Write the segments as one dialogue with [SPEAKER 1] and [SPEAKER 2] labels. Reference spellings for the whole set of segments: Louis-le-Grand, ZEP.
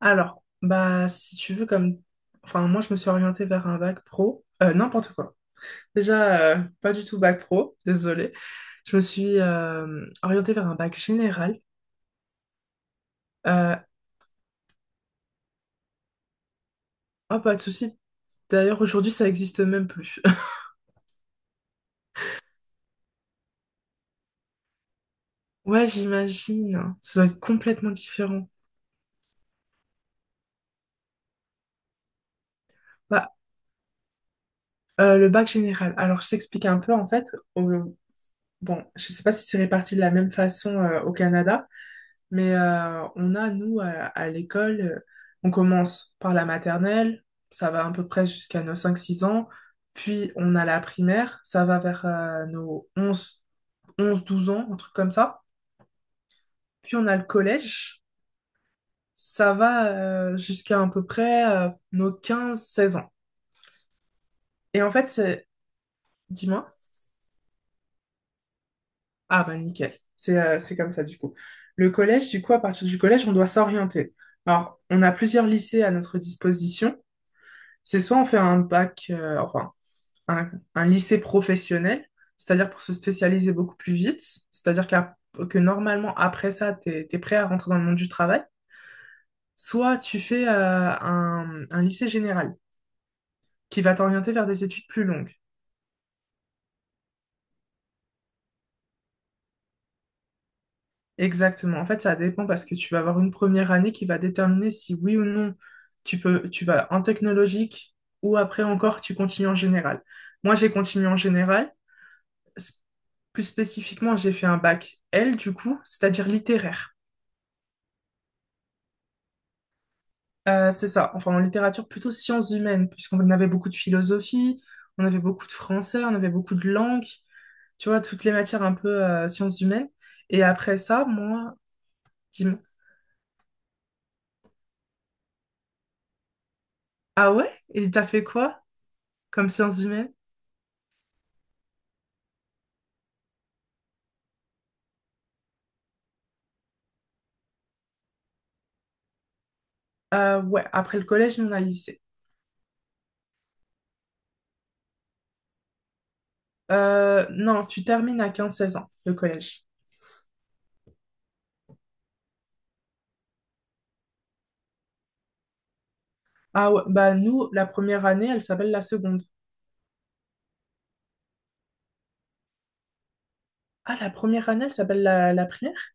[SPEAKER 1] Alors, bah, si tu veux, comme. Enfin, moi, je me suis orientée vers un bac pro. N'importe quoi. Déjà, pas du tout bac pro, désolée. Je me suis orientée vers un bac général. Euh, oh, pas de souci. D'ailleurs, aujourd'hui, ça existe même plus. Ouais, j'imagine. Ça doit être complètement différent. Bah, le bac général. Alors, je t'explique un peu, en fait. au- Bon, je sais pas si c'est réparti de la même façon au Canada. Mais on a, nous, à l'école, on commence par la maternelle. Ça va à peu près jusqu'à nos 5 6 ans, puis on a la primaire, ça va vers nos onze douze ans, un truc comme ça. Puis on a le collège, ça va jusqu'à à peu près nos 15 16 ans. Et en fait, c'est... Dis-moi. Ah bah nickel, c'est comme ça du coup. À partir du collège, on doit s'orienter. Alors, on a plusieurs lycées à notre disposition. C'est soit on fait un bac, un, un lycée professionnel, c'est-à-dire pour se spécialiser beaucoup plus vite, c'est-à-dire qu'à- que normalement, après ça, tu es, prêt à rentrer dans le monde du travail, soit tu fais un lycée général qui va t'orienter vers des études plus longues. Exactement. En fait, ça dépend parce que tu vas avoir une première année qui va déterminer si oui ou non tu vas en technologique ou après encore tu continues en général. Moi, j'ai continué en général. s- Plus spécifiquement, j'ai fait un bac L, du coup, c'est-à-dire littéraire. C'est ça, enfin en littérature plutôt sciences humaines, puisqu'on avait beaucoup de philosophie, on avait beaucoup de français, on avait beaucoup de langues, tu vois, toutes les matières un peu sciences humaines. Et après ça, moi, dis-moi, ah ouais? Et t'as fait quoi comme sciences humaines? Ouais, après le collège, nous, on a le lycée. Non, tu termines à 15 16 ans, le collège. Ah ouais, bah nous, la première année, elle s'appelle la seconde. Ah, la première année, elle s'appelle la primaire?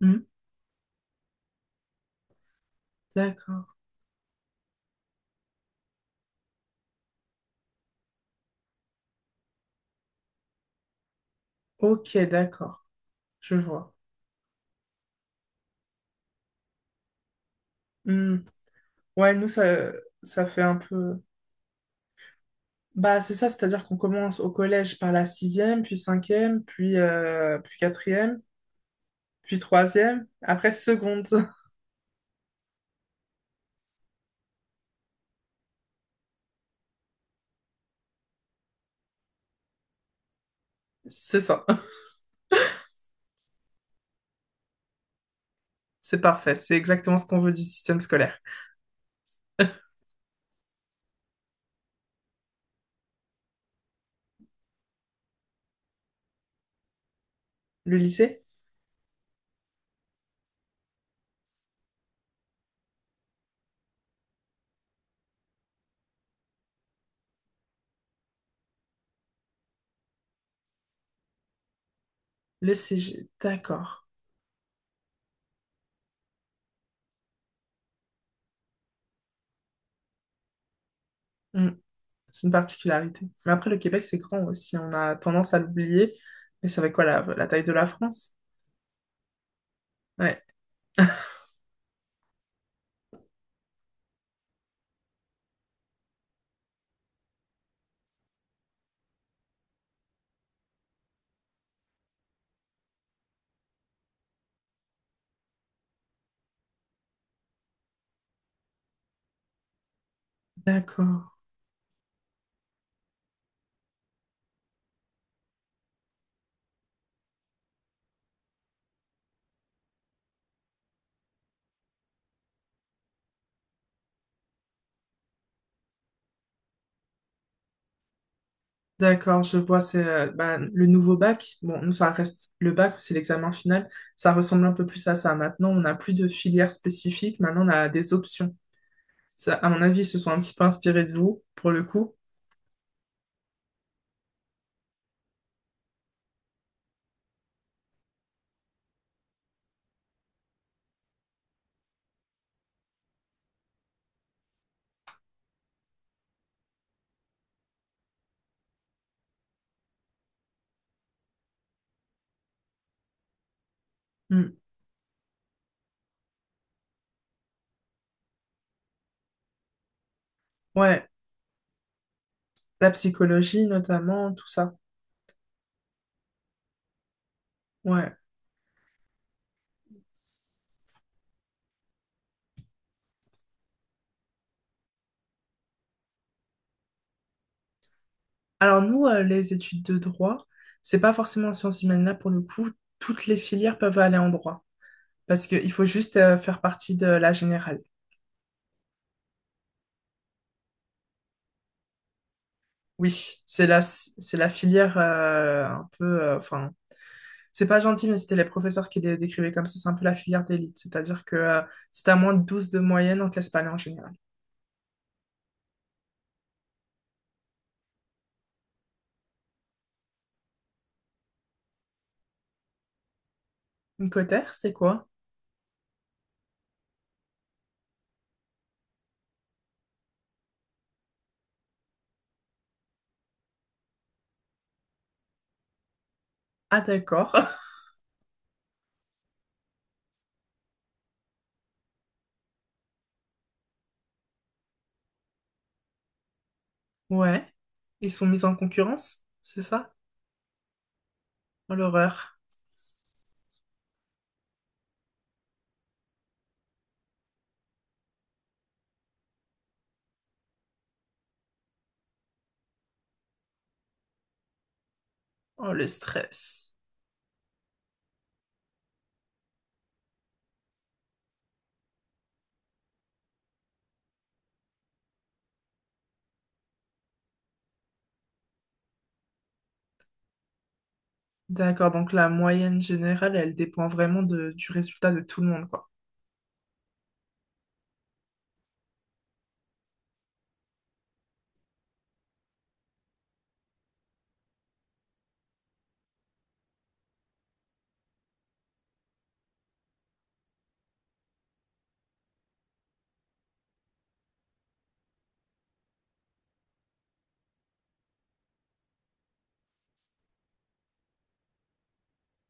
[SPEAKER 1] Hmm. D'accord. Ok, d'accord. Je vois. Hmm. Ouais, nous, ça fait un peu... Bah, c'est ça, c'est-à-dire qu'on commence au collège par la sixième, puis cinquième, puis quatrième, puis troisième, après seconde. C'est ça. C'est parfait. C'est exactement ce qu'on veut du système scolaire. Le lycée? Le CG. D'accord. Hmm. C'est une particularité. Mais après, le Québec, c'est grand aussi. On a tendance à l'oublier. Mais c'est avec quoi la taille de la France? Ouais. D'accord. D'accord, je vois, c'est le nouveau bac. Bon, nous, ça reste le bac, c'est l'examen final. Ça ressemble un peu plus à ça. Maintenant, on n'a plus de filière spécifique. Maintenant, on a des options. Ça, à mon avis, ils se sont un petit peu inspirés de vous, pour le coup. Hmm. Ouais, la psychologie notamment, tout ça. Ouais. Alors, nous, les études de droit, c'est pas forcément en sciences humaines là, pour le coup. Toutes les filières peuvent aller en droit parce qu'il faut juste faire partie de la générale. Oui, c'est la filière un peu. C'est pas gentil, mais c'était les professeurs qui décrivaient comme ça. C'est un peu la filière d'élite. C'est-à-dire que Si t'as moins de 12 de moyenne, on te laisse pas aller en général. Une cotère, c'est quoi? Ah, d'accord. Ouais. Ils sont mis en concurrence, c'est ça? Oh, l'horreur. Oh, le stress. D'accord, donc la moyenne générale, elle dépend vraiment du résultat de tout le monde, quoi.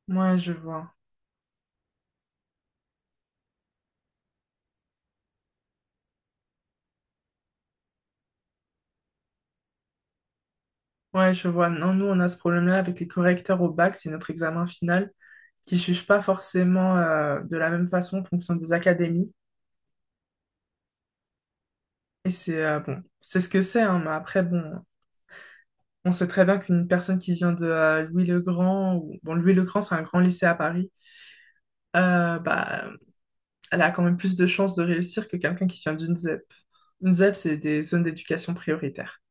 [SPEAKER 1] Ouais, je vois. Ouais, je vois. Non, nous, on a ce problème-là avec les correcteurs au bac, c'est notre examen final, qui ne juge pas forcément de la même façon en fonction des académies. Et c'est bon, c'est ce que c'est, hein, mais après, bon, on sait très bien qu'une personne qui vient de Louis-le-Grand, ou bon, Louis-le-Grand, c'est un grand lycée à Paris, bah, elle a quand même plus de chances de réussir que quelqu'un qui vient d'une ZEP. Une ZEP, c'est des zones d'éducation prioritaire.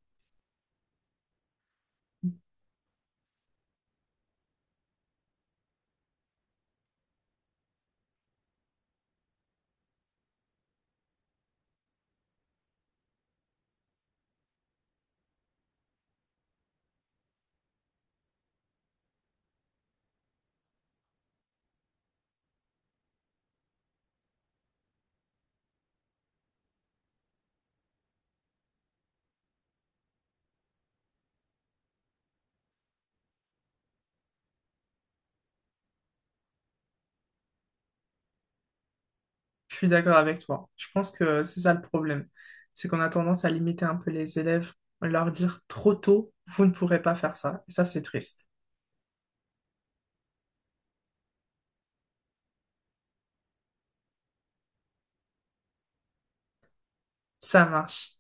[SPEAKER 1] Je suis d'accord avec toi. Je pense que c'est ça le problème. C'est qu'on a tendance à limiter un peu les élèves, à leur dire trop tôt, vous ne pourrez pas faire ça. Et ça, c'est triste. Ça marche.